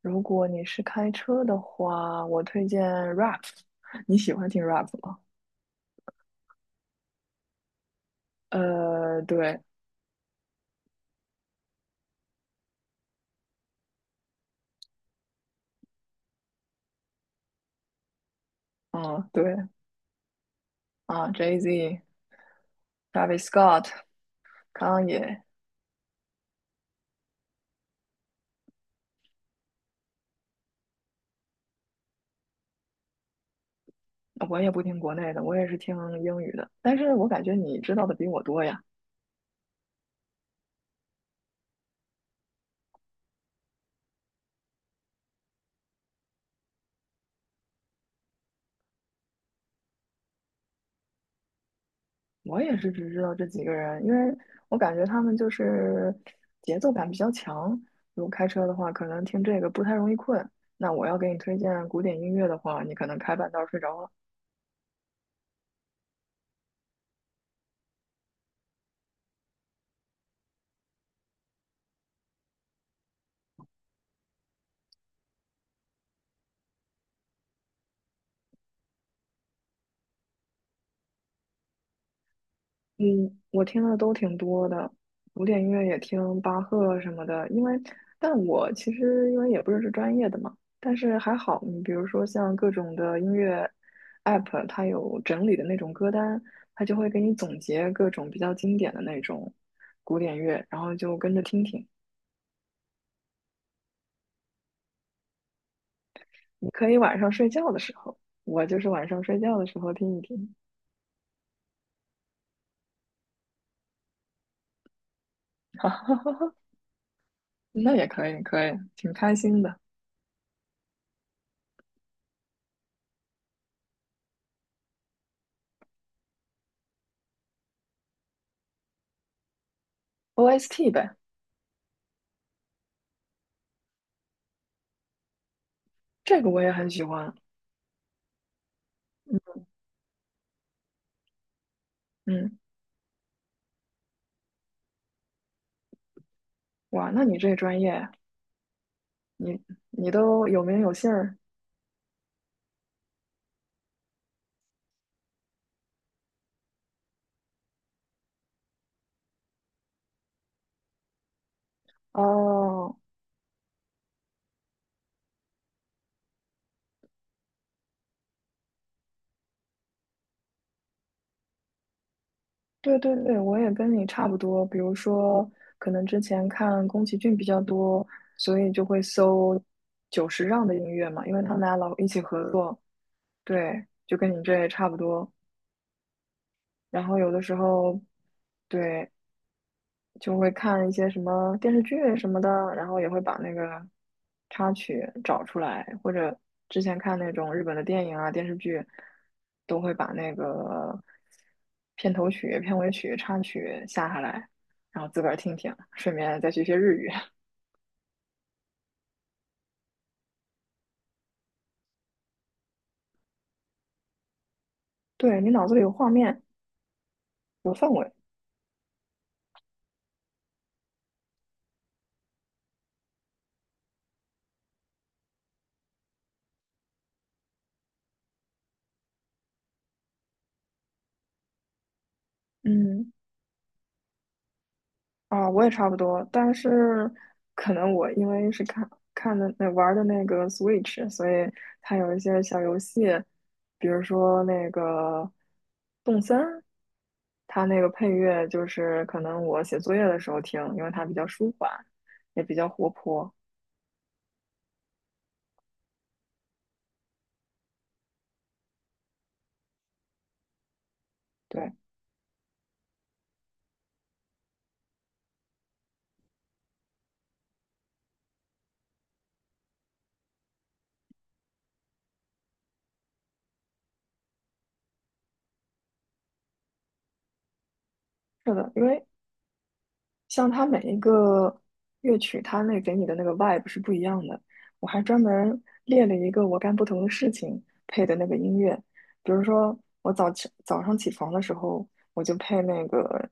如果你是开车的话，我推荐 rap。你喜欢听 rap 吗？对，嗯，对，啊，Jay-Z、d a v i d Scott、康也，我也不听国内的，我也是听英语的。但是我感觉你知道的比我多呀，我也是只知道这几个人，因为我感觉他们就是节奏感比较强。如果开车的话，可能听这个不太容易困。那我要给你推荐古典音乐的话，你可能开半道儿睡着了。嗯，我听的都挺多的，古典音乐也听巴赫什么的。但我其实因为也不是专业的嘛，但是还好，你比如说像各种的音乐 app,它有整理的那种歌单，它就会给你总结各种比较经典的那种古典乐，然后就跟着听听。你可以晚上睡觉的时候，我就是晚上睡觉的时候听一听，那也可以，可以，挺开心的。OST 呗，这个我也很喜欢。嗯。嗯哇，那你这专业，你你都有名有姓儿哦。对对对，我也跟你差不多。比如说，可能之前看宫崎骏比较多，所以就会搜久石让的音乐嘛，因为他们俩老一起合作。对，就跟你这也差不多。然后有的时候，对，就会看一些什么电视剧什么的，然后也会把那个插曲找出来，或者之前看那种日本的电影啊、电视剧，都会把那个片头曲、片尾曲、插曲下下来，然后自个儿听听，顺便再学学日语。对，你脑子里有画面，有氛围，嗯。啊，我也差不多，但是可能我因为是看看的那玩儿的那个 Switch,所以它有一些小游戏，比如说那个动森儿它那个配乐就是可能我写作业的时候听，因为它比较舒缓，也比较活泼。对，是的，因为像它每一个乐曲，它那给你的那个 vibe 是不一样的。我还专门列了一个我干不同的事情配的那个音乐，比如说我早上起床的时候，我就配那个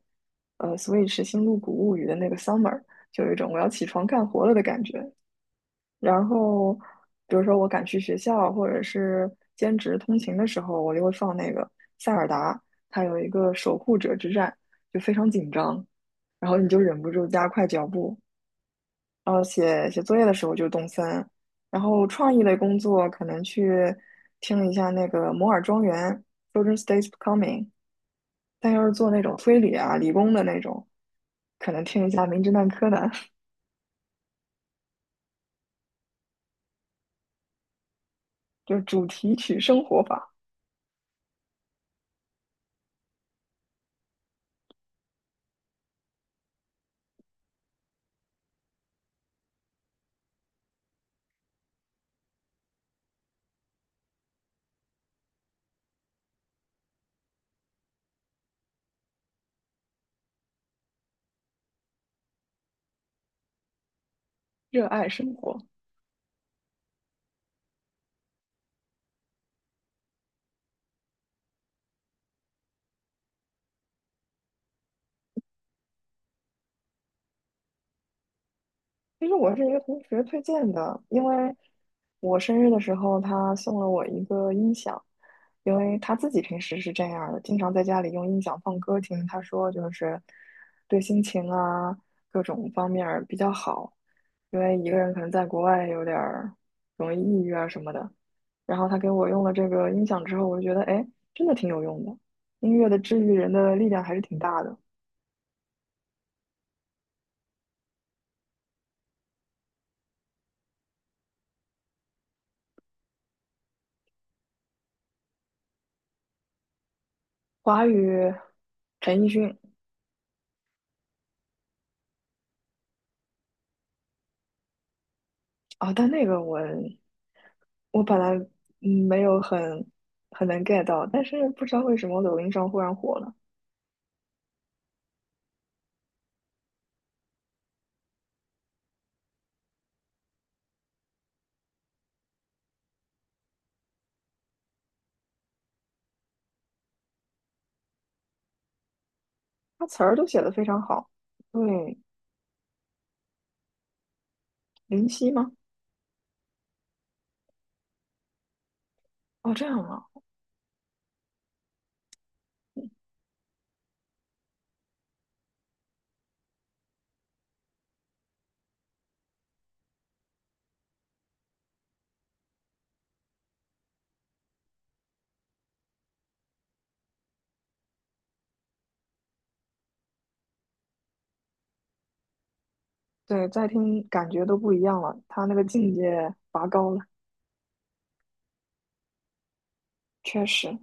Switch《星露谷物语》的那个 Summer,就有一种我要起床干活了的感觉。然后，比如说我赶去学校或者是兼职通勤的时候，我就会放那个塞尔达，它有一个守护者之战，就非常紧张，然后你就忍不住加快脚步。然后写写作业的时候就动森，然后创意类工作可能去听一下那个摩尔庄园 （(Children's d a y s c o m i n g 但要是做那种推理啊、理工的那种，可能听一下《名侦探柯南》，就是主题曲生活法，热爱生活。其实我是一个同学推荐的，因为我生日的时候，他送了我一个音响，因为他自己平时是这样儿的，经常在家里用音响放歌听。他说就是对心情啊各种方面儿比较好，因为一个人可能在国外有点儿容易抑郁啊什么的。然后他给我用了这个音响之后，我就觉得哎，真的挺有用的，音乐的治愈人的力量还是挺大的。华语，陈奕迅啊，但那个我。我本来没有很能 get 到，但是不知道为什么我抖音上忽然火了，他词儿都写得非常好。对，林夕吗？哦，这样啊，对，再听感觉都不一样了，他那个境界拔高了，确实。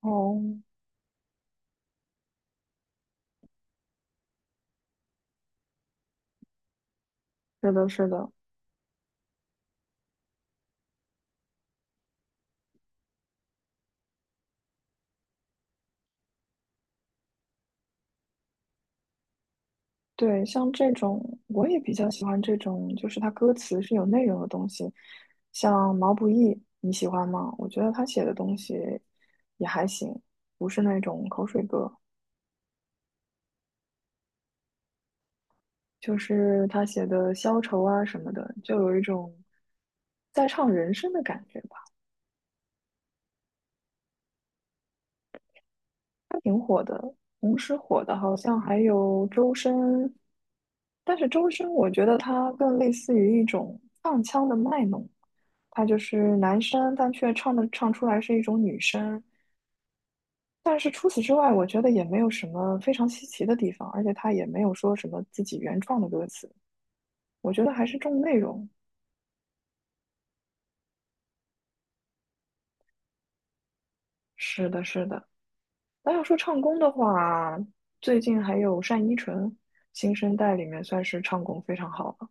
哦，是的，是的，对，像这种我也比较喜欢这种，就是他歌词是有内容的东西，像毛不易，你喜欢吗？我觉得他写的东西也还行，不是那种口水歌。就是他写的消愁啊什么的，就有一种在唱人生的感觉吧。同时火的好像还有周深，但是周深我觉得他更类似于一种放腔的卖弄，他就是男生，但却唱的唱出来是一种女生。但是除此之外，我觉得也没有什么非常稀奇的地方，而且他也没有说什么自己原创的歌词，我觉得还是重内容。是的，是的。那要说唱功的话，最近还有单依纯，新生代里面算是唱功非常好了，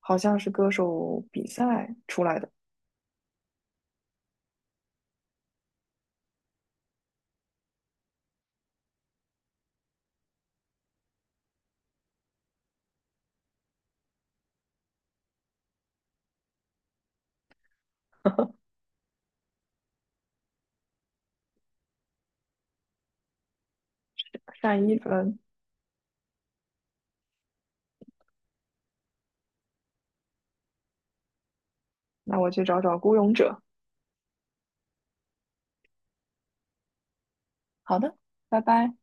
好像是歌手比赛出来的单依纯。那我去找找《孤勇者》。好的，拜拜。